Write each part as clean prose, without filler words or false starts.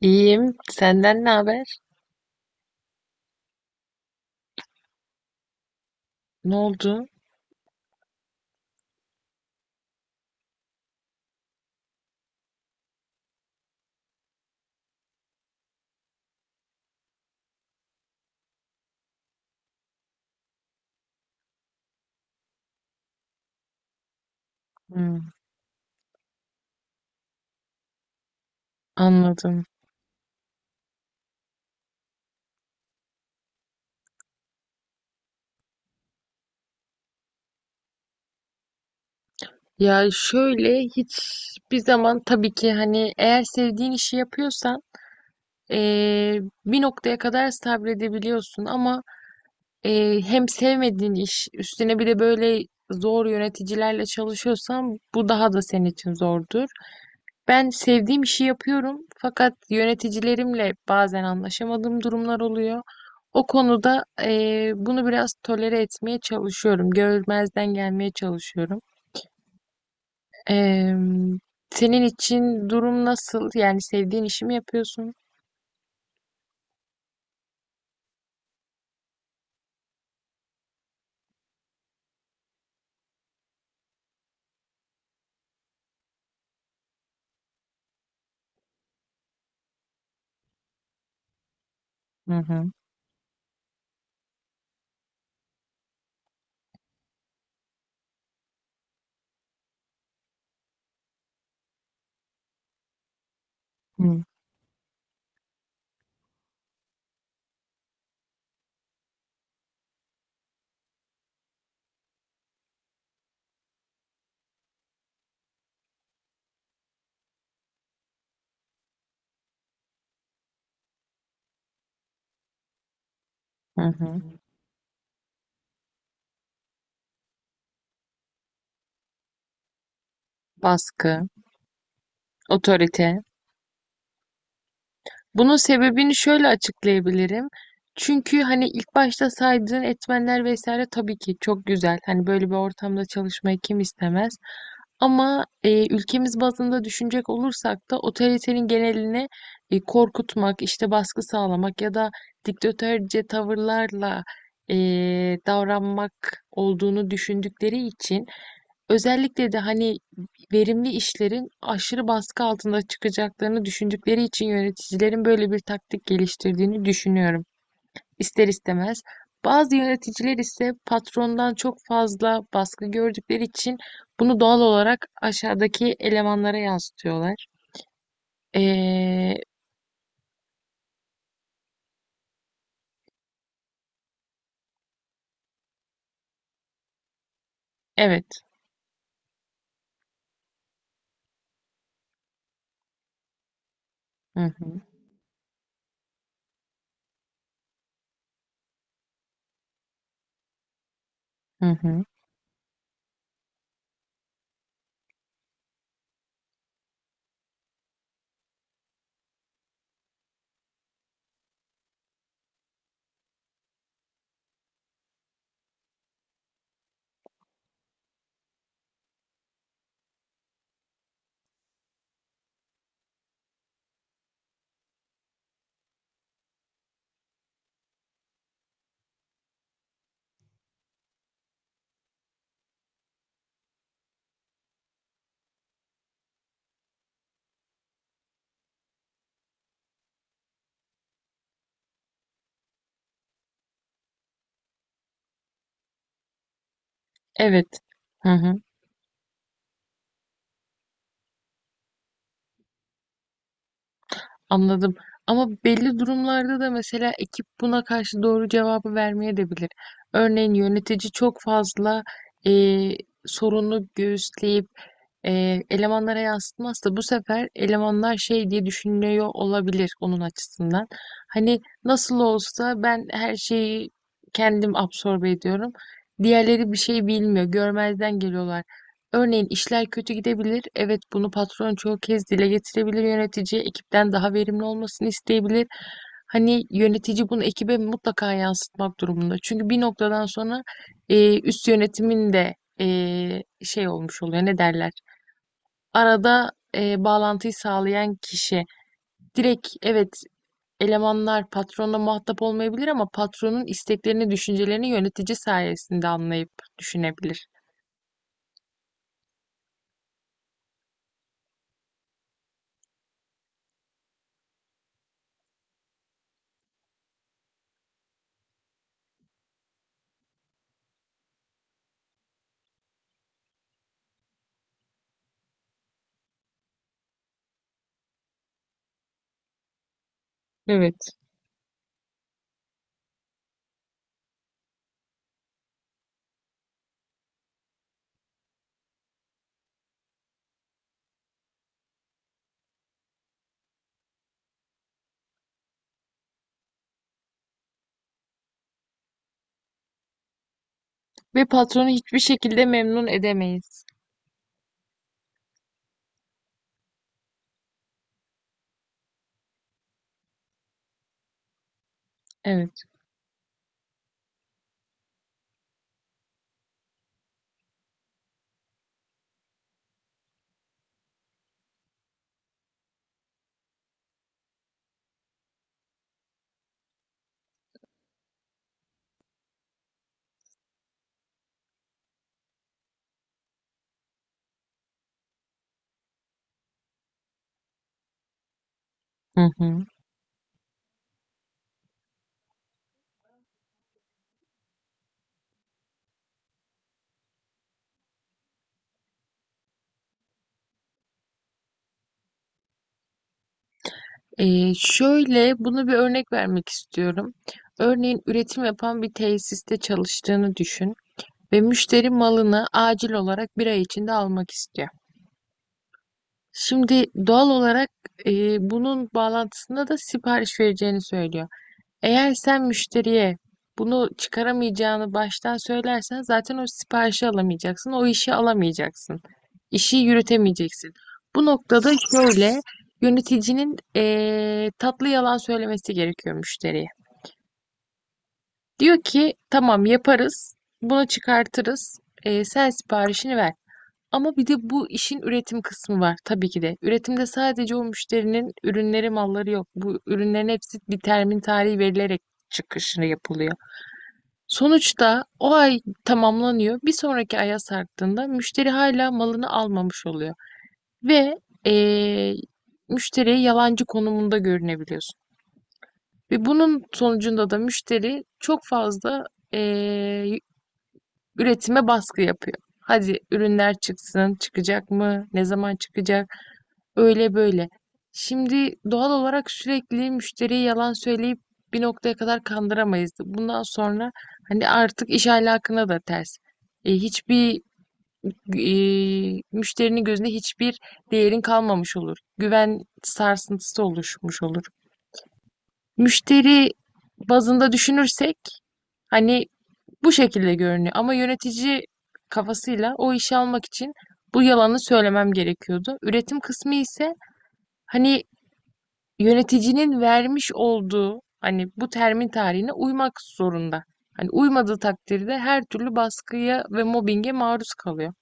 İyiyim. Senden ne haber? Ne oldu? Hmm, anladım. Ya şöyle hiçbir zaman tabii ki hani eğer sevdiğin işi yapıyorsan eee, bir noktaya kadar sabredebiliyorsun ama hem sevmediğin iş üstüne bir de böyle zor yöneticilerle çalışıyorsan bu daha da senin için zordu. Ben sevdiğim işi yapıyorum fakat yöneticilerimle bazen anlaşamadığım durumlar oluyor. O konuda bunu biraz tolere etmeye çalışıyorum. Görmezden gelmeye çalışıyorum. Eee, Senin için durum nasıl? Yani sevdiğin işi mi yapıyorsun? Hı hı. Hı hı. Hı. Baskı, otorite. Bunun sebebini şöyle açıklayabilirim. Çünkü hani ilk başta saydığın etmenler vesaire tabii ki çok güzel. Hani böyle bir ortamda çalışmayı kim istemez? Ama ülkemiz bazında düşünecek olursak da otoritenin genelini korkutmak, işte baskı sağlamak ya da diktatörce tavırlarla e, davranmak olduğunu düşündükleri için özellikle de hani verimli işlerin aşırı baskı altında çıkacaklarını düşündükleri için yöneticilerin böyle bir taktik geliştirdiğini düşünüyorum ister istemez. Bazı yöneticiler ise patrondan çok fazla baskı gördükleri için bunu doğal olarak aşağıdaki elemanlara yansıtıyorlar. Ee, evet. Hı hı. Hı hı. Evet. Hı hı. Anladım. Ama belli durumlarda da mesela ekip buna karşı doğru cevabı vermeye de bilir. Örneğin yönetici çok fazla eee, sorunu göğüsleyip elemanlara yansıtmazsa bu sefer elemanlar şey diye düşünüyor olabilir onun açısından. Hani nasıl olsa ben her şeyi kendim absorbe ediyorum. Diğerleri bir şey bilmiyor, görmezden geliyorlar. Örneğin işler kötü gidebilir. Evet, bunu patron çoğu kez dile getirebilir yöneticiye. Ekipten daha verimli olmasını isteyebilir. Hani yönetici bunu ekibe mutlaka yansıtmak durumunda. Çünkü bir noktadan sonra üst yönetimin de e, şey olmuş oluyor. Ne derler? Arada bağlantıyı sağlayan kişi. Direkt evet, elemanlar patronla muhatap olmayabilir ama patronun isteklerini, düşüncelerini yönetici sayesinde anlayıp düşünebilir. Evet. Ve patronu hiçbir şekilde memnun edemeyiz. Evet. Hı hı. Şöyle bunu bir örnek vermek istiyorum. Örneğin üretim yapan bir tesiste çalıştığını düşün ve müşteri malını acil olarak bir ay içinde almak istiyor. Şimdi doğal olarak e, bunun bağlantısında da sipariş vereceğini söylüyor. Eğer sen müşteriye bunu çıkaramayacağını baştan söylersen zaten o siparişi alamayacaksın, o işi alamayacaksın. İşi yürütemeyeceksin. Bu noktada şöyle yöneticinin tatlı yalan söylemesi gerekiyor müşteriye. Diyor ki tamam yaparız, bunu çıkartırız, sen siparişini ver. Ama bir de bu işin üretim kısmı var tabii ki de. Üretimde sadece o müşterinin ürünleri, malları yok. Bu ürünlerin hepsi bir termin tarihi verilerek çıkışını yapılıyor. Sonuçta o ay tamamlanıyor. Bir sonraki aya sarktığında müşteri hala malını almamış oluyor. Ve eee müşteriye yalancı konumunda görünebiliyorsun. Ve bunun sonucunda da müşteri çok fazla eee, üretime baskı yapıyor. Hadi ürünler çıksın, çıkacak mı? Ne zaman çıkacak? Öyle böyle. Şimdi doğal olarak sürekli müşteriye yalan söyleyip bir noktaya kadar kandıramayız. Bundan sonra hani artık iş ahlakına da ters. Hiçbir müşterinin gözünde hiçbir değerin kalmamış olur. Güven sarsıntısı oluşmuş olur. Müşteri bazında düşünürsek hani bu şekilde görünüyor. Ama yönetici kafasıyla o işi almak için bu yalanı söylemem gerekiyordu. Üretim kısmı ise hani yöneticinin vermiş olduğu hani bu termin tarihine uymak zorunda. Hani uymadığı takdirde her türlü baskıya ve mobbinge maruz kalıyor.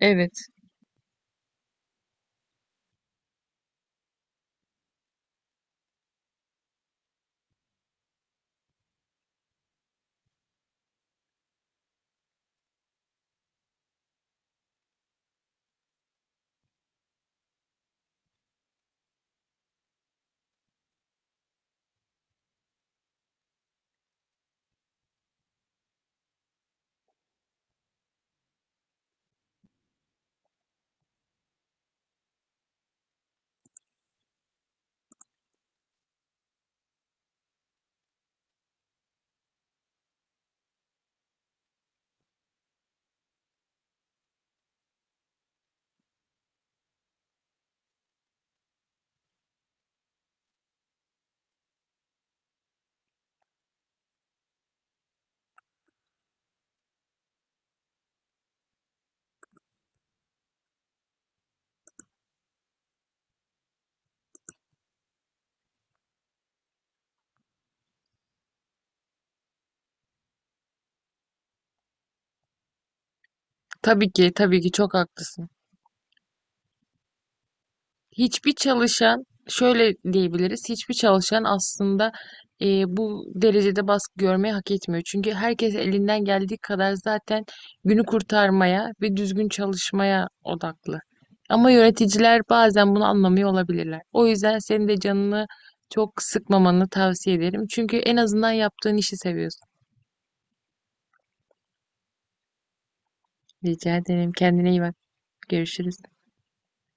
Evet. Tabii ki, tabii ki çok haklısın. Hiçbir çalışan şöyle diyebiliriz. Hiçbir çalışan aslında bu derecede baskı görmeyi hak etmiyor. Çünkü herkes elinden geldiği kadar zaten günü kurtarmaya ve düzgün çalışmaya odaklı. Ama yöneticiler bazen bunu anlamıyor olabilirler. O yüzden senin de canını çok sıkmamanı tavsiye ederim. Çünkü en azından yaptığın işi seviyorsun. Rica ederim. Kendine iyi bak. Görüşürüz.